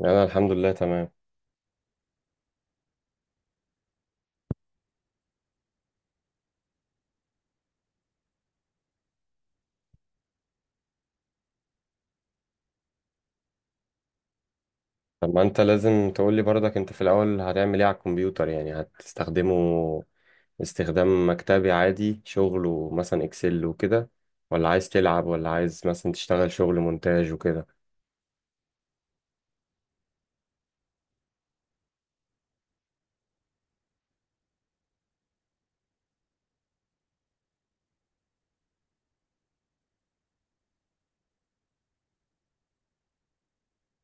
انا الحمد لله تمام. طب ما انت لازم تقول لي برضك انت في الاول هتعمل ايه على الكمبيوتر، يعني هتستخدمه استخدام مكتبي عادي شغل ومثلا اكسل وكده، ولا عايز تلعب ولا عايز مثلا تشتغل شغل مونتاج وكده؟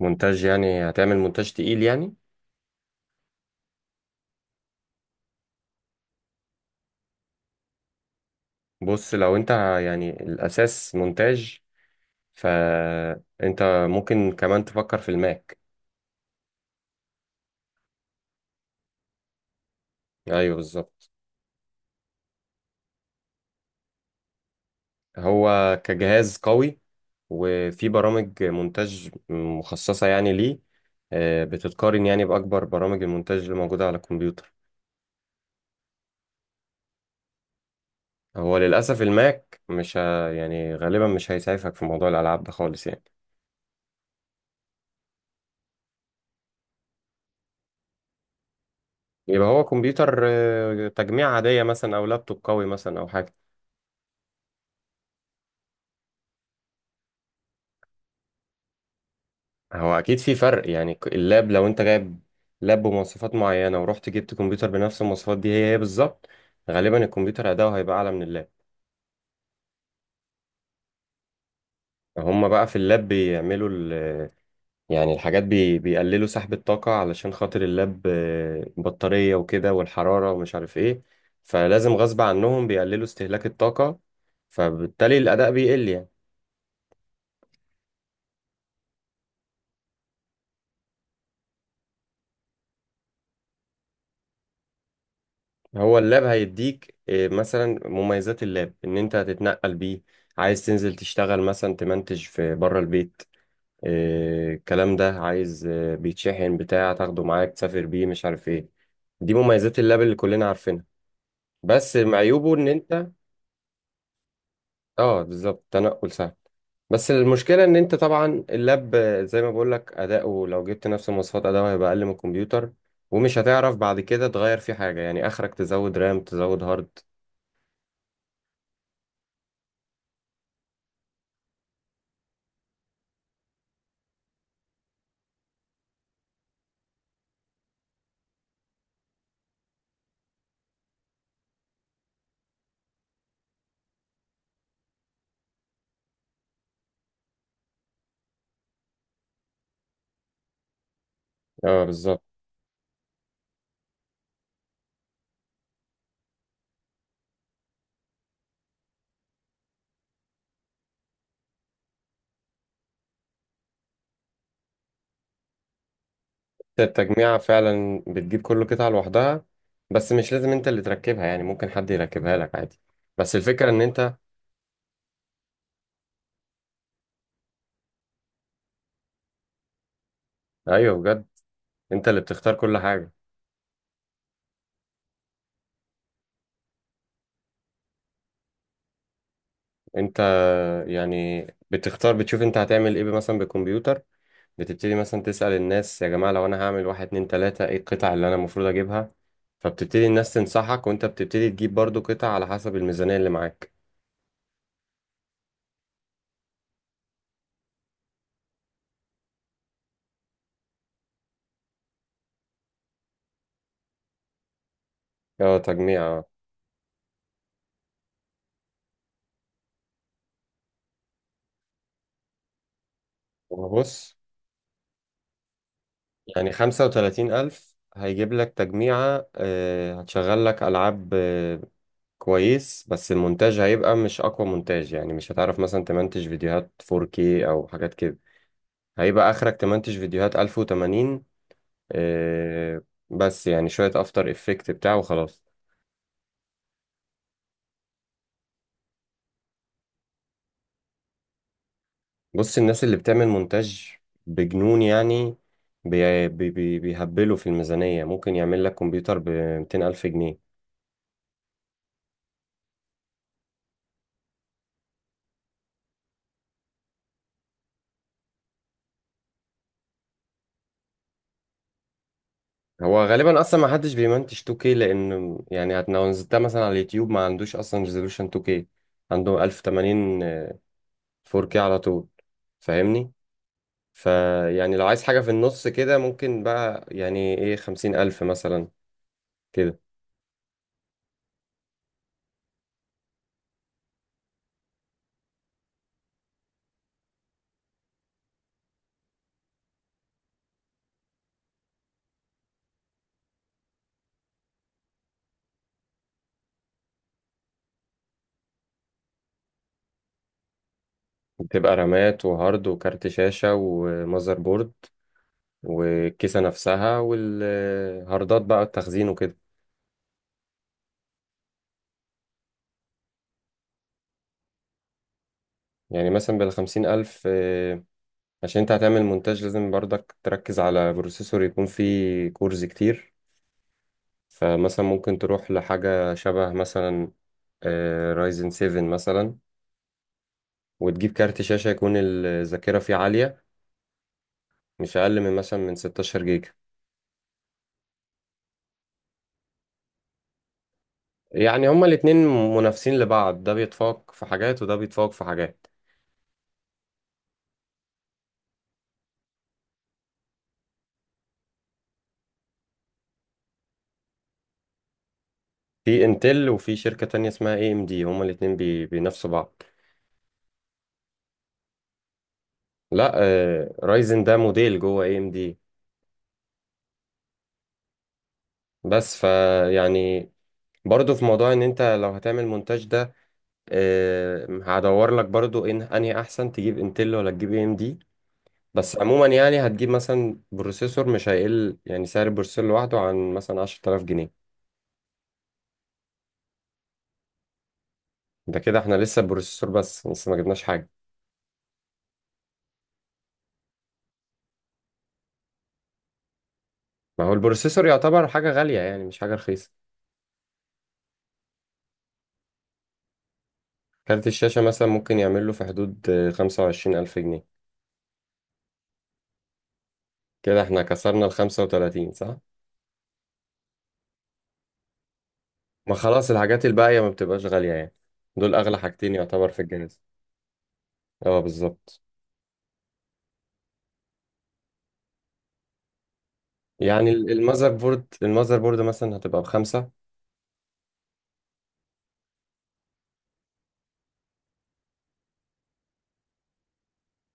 مونتاج؟ يعني هتعمل مونتاج تقيل يعني؟ بص، يعني الاساس مونتاج، فانت ممكن كمان تفكر في الماك. ايوه بالظبط. هو كجهاز قوي، وفي برامج مونتاج مخصصة يعني ليه، بتتقارن يعني بأكبر برامج المونتاج اللي موجودة على الكمبيوتر. هو للأسف الماك مش ه... يعني غالبا مش هيسعفك في موضوع الألعاب ده خالص يعني. يبقى هو كمبيوتر تجميع عادية مثلا أو لابتوب قوي مثلا أو حاجة. هو أكيد في فرق، يعني اللاب لو أنت جايب لاب بمواصفات معينة ورحت جبت كمبيوتر بنفس المواصفات دي، هي هي بالظبط، غالبا الكمبيوتر أداؤه هيبقى أعلى من اللاب. هما بقى في اللاب بيعملوا، يعني الحاجات بيقللوا سحب الطاقة علشان خاطر اللاب، بطارية وكده والحرارة ومش عارف ايه، فلازم غصب عنهم بيقللوا استهلاك الطاقة، فبالتالي الأداء بيقل يعني. هو اللاب هيديك مثلا مميزات اللاب إن أنت هتتنقل بيه، عايز تنزل تشتغل مثلا تمنتج في بره البيت، الكلام ده عايز، بيتشحن بتاع تاخده معاك تسافر بيه مش عارف ايه، دي مميزات اللاب اللي كلنا عارفينها، بس عيوبه إن أنت، اه بالظبط، تنقل سهل، بس المشكلة ان انت طبعا اللاب زي ما بقولك اداؤه لو جبت نفس مواصفات اداؤه هيبقى اقل من الكمبيوتر، ومش هتعرف بعد كده تغير فيه حاجة، يعني اخرك تزود رام تزود هارد. اه بالظبط. التجميعة فعلا بتجيب كل قطعة لوحدها، بس مش لازم انت اللي تركبها، يعني ممكن حد يركبها لك عادي، بس الفكرة ان انت، ايوه بجد، انت اللي بتختار كل حاجة. انت يعني بتختار، بتشوف انت هتعمل ايه مثلا بالكمبيوتر، بتبتدي مثلا تسأل الناس يا جماعة لو أنا هعمل واحد اتنين تلاتة إيه القطع اللي أنا المفروض أجيبها، فبتبتدي الناس تنصحك وأنت بتبتدي تجيب برضو قطع على حسب الميزانية اللي معاك. اه تجميع اه. وبص، يعني خمسة وتلاتين ألف هيجيب لك تجميعة، هتشغل لك ألعاب، كويس، بس المونتاج هيبقى مش أقوى مونتاج، يعني مش هتعرف مثلا تمنتج فيديوهات 4K أو حاجات كده، هيبقى آخرك تمنتج فيديوهات 1080، آه، بس يعني شوية أفتر إفكت بتاعه وخلاص. بص الناس اللي بتعمل مونتاج بجنون يعني، بي بي بي بيهبلوا في الميزانية، ممكن يعمل لك كمبيوتر ب 200 ألف جنيه. هو غالبا أصلا ما حدش بيمنتج 2K، لأن يعني لو نزلتها مثلا على اليوتيوب ما عندوش أصلا ريزولوشن 2K، عنده 1080 4K على طول فاهمني. فيعني لو عايز حاجة في النص كده، ممكن بقى يعني إيه 50 ألف مثلا كده. بتبقى رامات وهارد وكارت شاشة ومذر بورد والكيسة نفسها والهاردات بقى التخزين وكده. يعني مثلا بالخمسين ألف، عشان انت هتعمل مونتاج لازم برضك تركز على بروسيسور يكون فيه كورز كتير، فمثلا ممكن تروح لحاجة شبه مثلا رايزن 7 مثلا، وتجيب كارت شاشة يكون الذاكرة فيه عالية، مش أقل من مثلا من 16 جيجا. يعني هما الاتنين منافسين لبعض، ده بيتفوق في حاجات وده بيتفوق في حاجات. في انتل وفي شركة تانية اسمها اي ام دي، هما الاتنين بينافسوا بعض. لا، رايزن ده موديل جوه اي ام دي. بس ف يعني برضو في موضوع ان انت لو هتعمل مونتاج ده، هدور لك برضو ان انهي احسن تجيب انتل ولا تجيب اي ام دي، بس عموما يعني هتجيب مثلا بروسيسور مش هيقل، يعني سعر البروسيسور لوحده عن مثلا 10000 جنيه. ده كده احنا لسه البروسيسور بس لسه ما جبناش حاجه. ما هو البروسيسور يعتبر حاجه غاليه يعني مش حاجه رخيصه. كارت الشاشه مثلا ممكن يعمل له في حدود، 25000 جنيه. كده احنا كسرنا ال 35 صح؟ ما خلاص الحاجات الباقية ما بتبقاش غالية يعني، دول أغلى حاجتين يعتبر في الجهاز. اه بالظبط. يعني المذر بورد مثلا هتبقى بخمسة.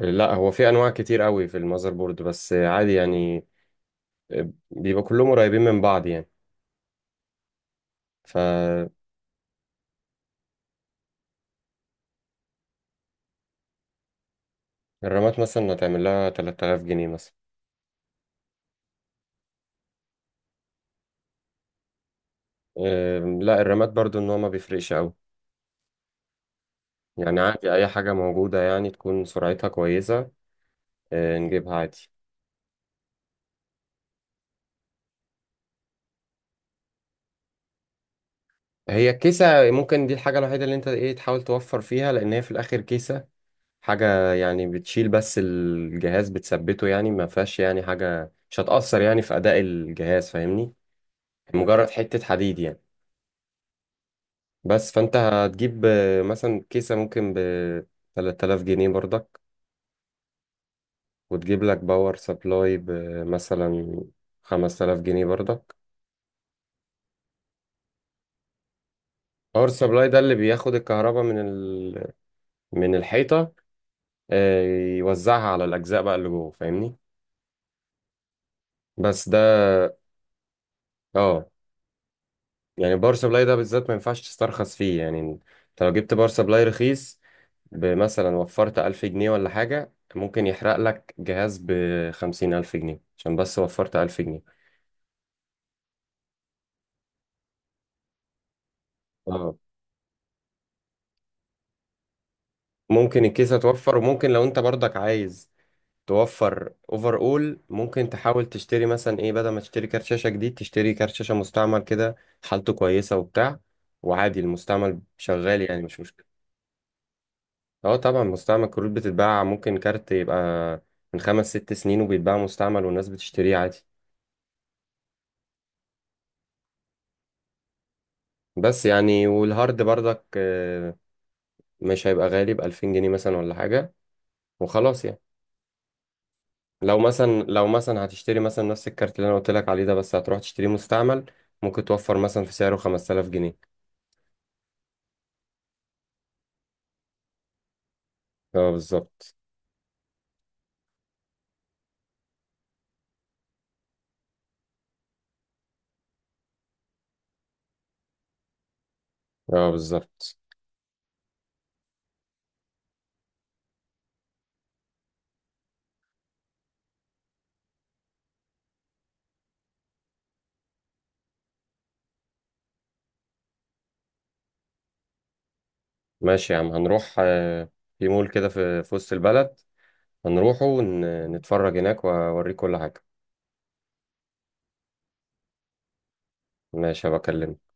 لا، هو في أنواع كتير قوي في المذر بورد بس عادي يعني، بيبقى كلهم قريبين من بعض يعني. فالرامات مثلا هتعمل لها 3000 جنيه مثلا. لا، الرامات برضو إن هو ما بيفرقش قوي، يعني عادي أي حاجة موجودة يعني تكون سرعتها كويسة، نجيبها عادي. هي الكيسة ممكن دي الحاجة الوحيدة اللي انت ايه تحاول توفر فيها، لأن هي في الآخر كيسة حاجة يعني بتشيل بس الجهاز بتثبته، يعني ما فيهاش يعني حاجة مش هتأثر يعني في أداء الجهاز فاهمني، مجرد حتة حديد يعني. بس فأنت هتجيب، مثلا كيسة ممكن ب 3000 جنيه برضك، وتجيب لك باور سبلاي بمثلا 5000 جنيه برضك. باور سبلاي ده اللي بياخد الكهرباء من الحيطة، آه، يوزعها على الأجزاء بقى اللي جوه فاهمني. بس ده اه، يعني بار سبلاي ده بالذات ما ينفعش تسترخص فيه، يعني انت لو جبت بار سبلاي رخيص بمثلا وفرت ألف جنيه ولا حاجة، ممكن يحرق لك جهاز بخمسين ألف جنيه عشان بس وفرت ألف جنيه. اه. ممكن الكيسة توفر، وممكن لو انت برضك عايز توفر اوفر اول ممكن تحاول تشتري مثلا ايه، بدل ما تشتري كارت شاشة جديد تشتري كارت شاشة مستعمل كده حالته كويسة وبتاع، وعادي المستعمل شغال يعني مش مشكلة. اه طبعا مستعمل، كروت بتتباع، ممكن كارت يبقى من خمس ست سنين وبيتباع مستعمل والناس بتشتريه عادي. بس يعني والهارد برضك، مش هيبقى غالي بألفين جنيه مثلا ولا حاجة وخلاص يعني. لو مثلا هتشتري مثلا نفس الكارت اللي انا قلت لك عليه ده، بس هتروح تشتريه مستعمل، ممكن توفر مثلا في سعره 5000 جنيه. اه بالظبط. اه بالظبط. ماشي يا عم، هنروح، في مول كده في وسط البلد، هنروحه نتفرج هناك واوريك كل حاجة. ماشي هبكلمك.